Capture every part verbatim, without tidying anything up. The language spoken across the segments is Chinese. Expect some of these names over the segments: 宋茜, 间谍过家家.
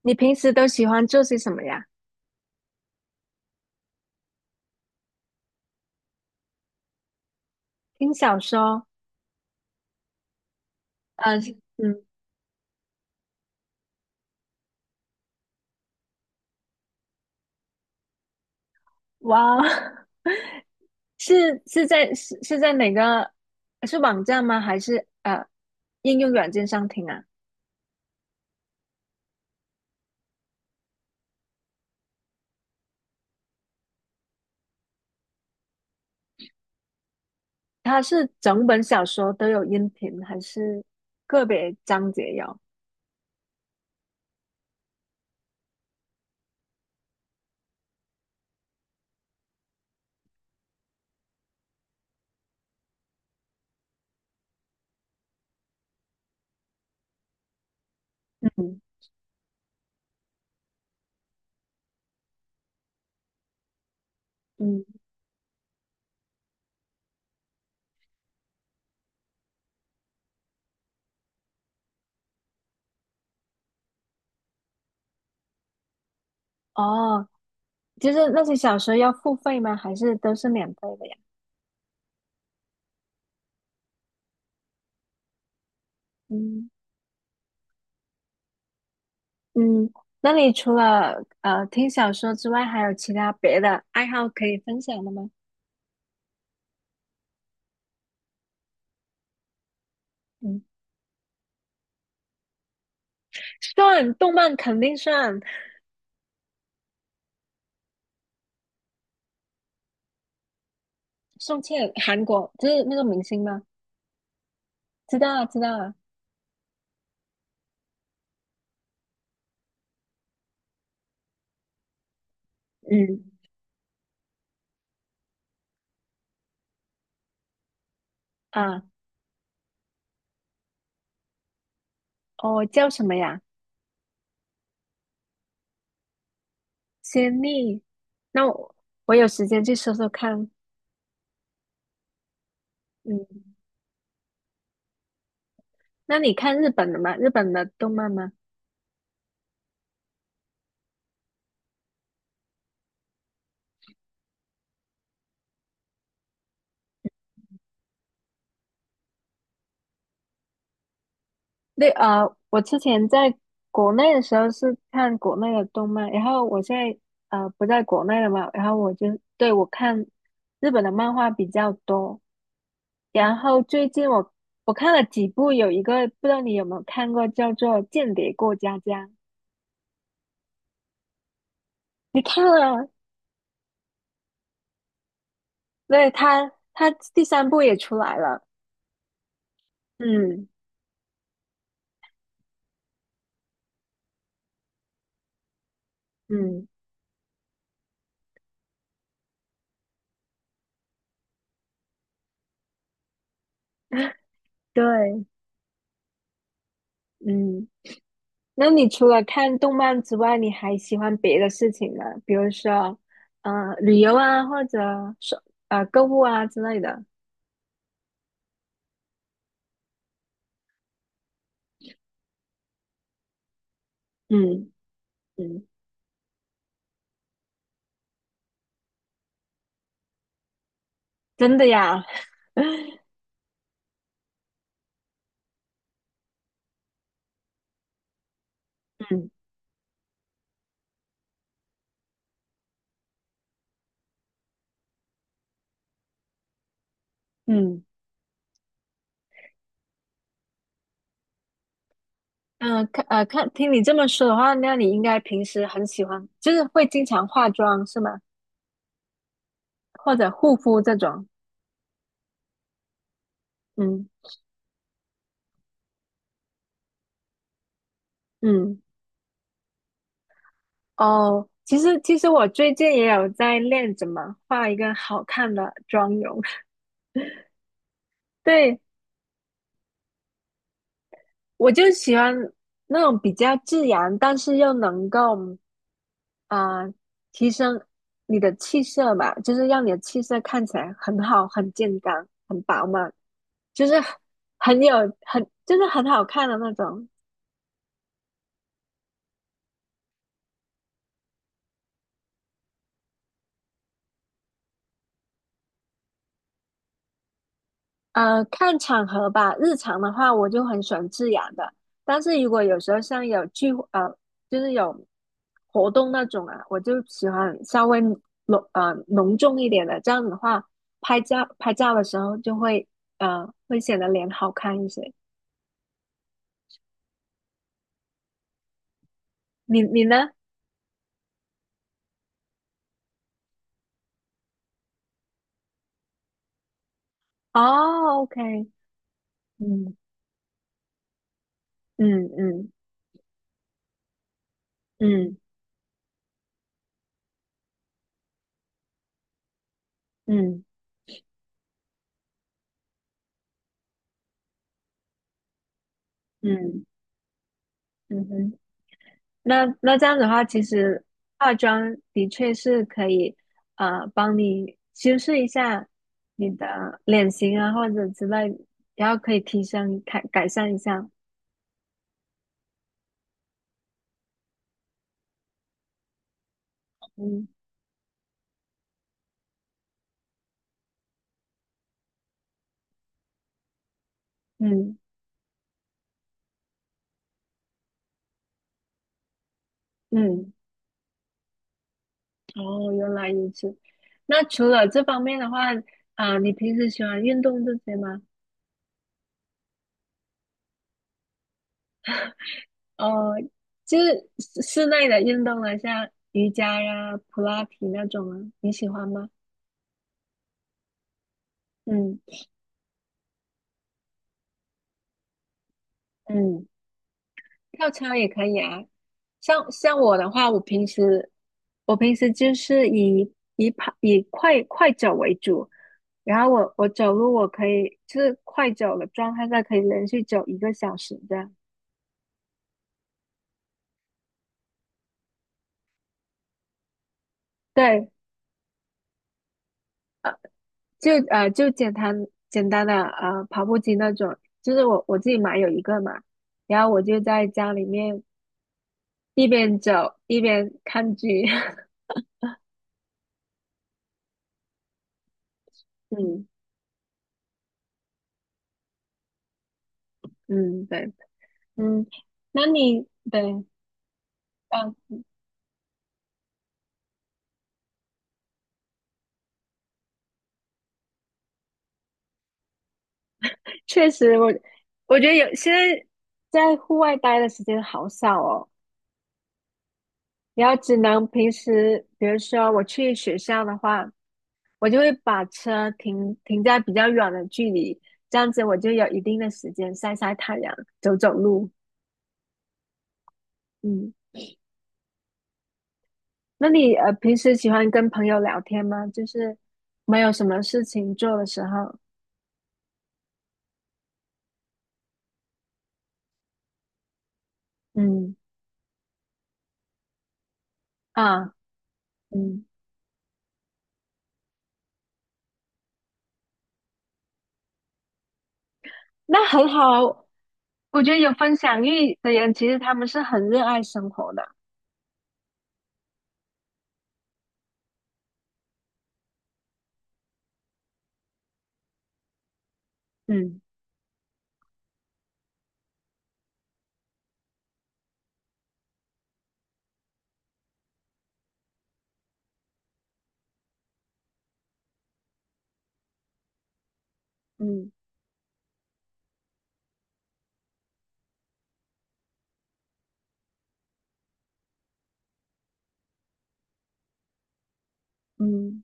你平时都喜欢做些什么呀？听小说，呃，是嗯，哇哦，是是在是是在哪个是网站吗？还是呃应用软件上听啊？它是整本小说都有音频，还是个别章节有？嗯。嗯。哦，就是那些小说要付费吗？还是都是免费的呀？嗯。嗯。那你除了呃听小说之外，还有其他别的爱好可以分享的吗？嗯。算，动漫肯定算。宋茜，韩国就是那个明星吗？知道啊，知道啊。嗯。啊。哦，叫什么呀？仙丽。那我我有时间去搜搜看。嗯。那你看日本的吗？日本的动漫吗？那啊，呃我之前在国内的时候是看国内的动漫，然后我现在呃不在国内了嘛，然后我就对我看日本的漫画比较多。然后最近我我看了几部，有一个不知道你有没有看过，叫做《间谍过家家》，你看了？对，他他第三部也出来了。嗯。嗯。对。嗯。那你除了看动漫之外，你还喜欢别的事情吗？比如说，呃，旅游啊，或者说呃购物啊之类的。嗯。嗯，真的呀。嗯。嗯。嗯，看呃看，听你这么说的话，那你应该平时很喜欢，就是会经常化妆是吗？或者护肤这种？嗯。嗯，哦，其实其实我最近也有在练怎么画一个好看的妆容。对，我就喜欢那种比较自然，但是又能够啊呃提升你的气色吧，就是让你的气色看起来很好、很健康、很饱满，就是很有很就是很好看的那种。呃，看场合吧。日常的话，我就很喜欢自然的。但是如果有时候像有聚会呃，就是有活动那种啊，我就喜欢稍微浓呃浓重一点的。这样子的话，拍照拍照的时候就会呃会显得脸好看一些。你你呢？哦，OK。嗯。嗯。嗯。嗯。嗯。嗯。嗯。嗯哼。那那这样子的话，其实化妆的确是可以，呃，帮你修饰一下你的脸型啊，或者之类，然后可以提升改改善一下。嗯。嗯。嗯，哦，原来如此。那除了这方面的话，啊、你平时喜欢运动这些吗？哦，就是室室内的运动啊，像瑜伽呀、普拉提那种啊，你喜欢吗？嗯。嗯。跳操也可以啊。像像我的话，我平时我平时就是以以跑以快快走为主，然后我我走路我可以就是快走的状态下可以连续走一个小时这样。对，就呃就简单简单的呃跑步机那种，就是我我自己买有一个嘛，然后我就在家里面一边走一边看剧，嗯。嗯，对。嗯。那你对。嗯。确实我，我觉得有现在在户外待的时间好少哦。然后只能平时，比如说我去学校的话，我就会把车停停在比较远的距离，这样子我就有一定的时间晒晒太阳、走走路。嗯，那你呃平时喜欢跟朋友聊天吗？就是没有什么事情做的时候，嗯。啊。嗯。那很好啊，我觉得有分享欲的人，其实他们是很热爱生活的。嗯。嗯。嗯，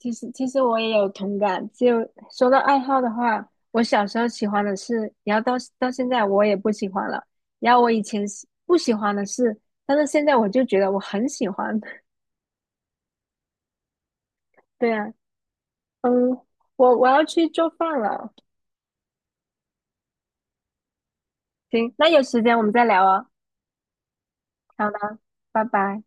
其实其实我也有同感。就说到爱好的话，我小时候喜欢的是，然后到到现在我也不喜欢了。然后我以前喜不喜欢的是，但是现在我就觉得我很喜欢。对啊。嗯，我我要去做饭了。行，那有时间我们再聊啊。好的，拜拜。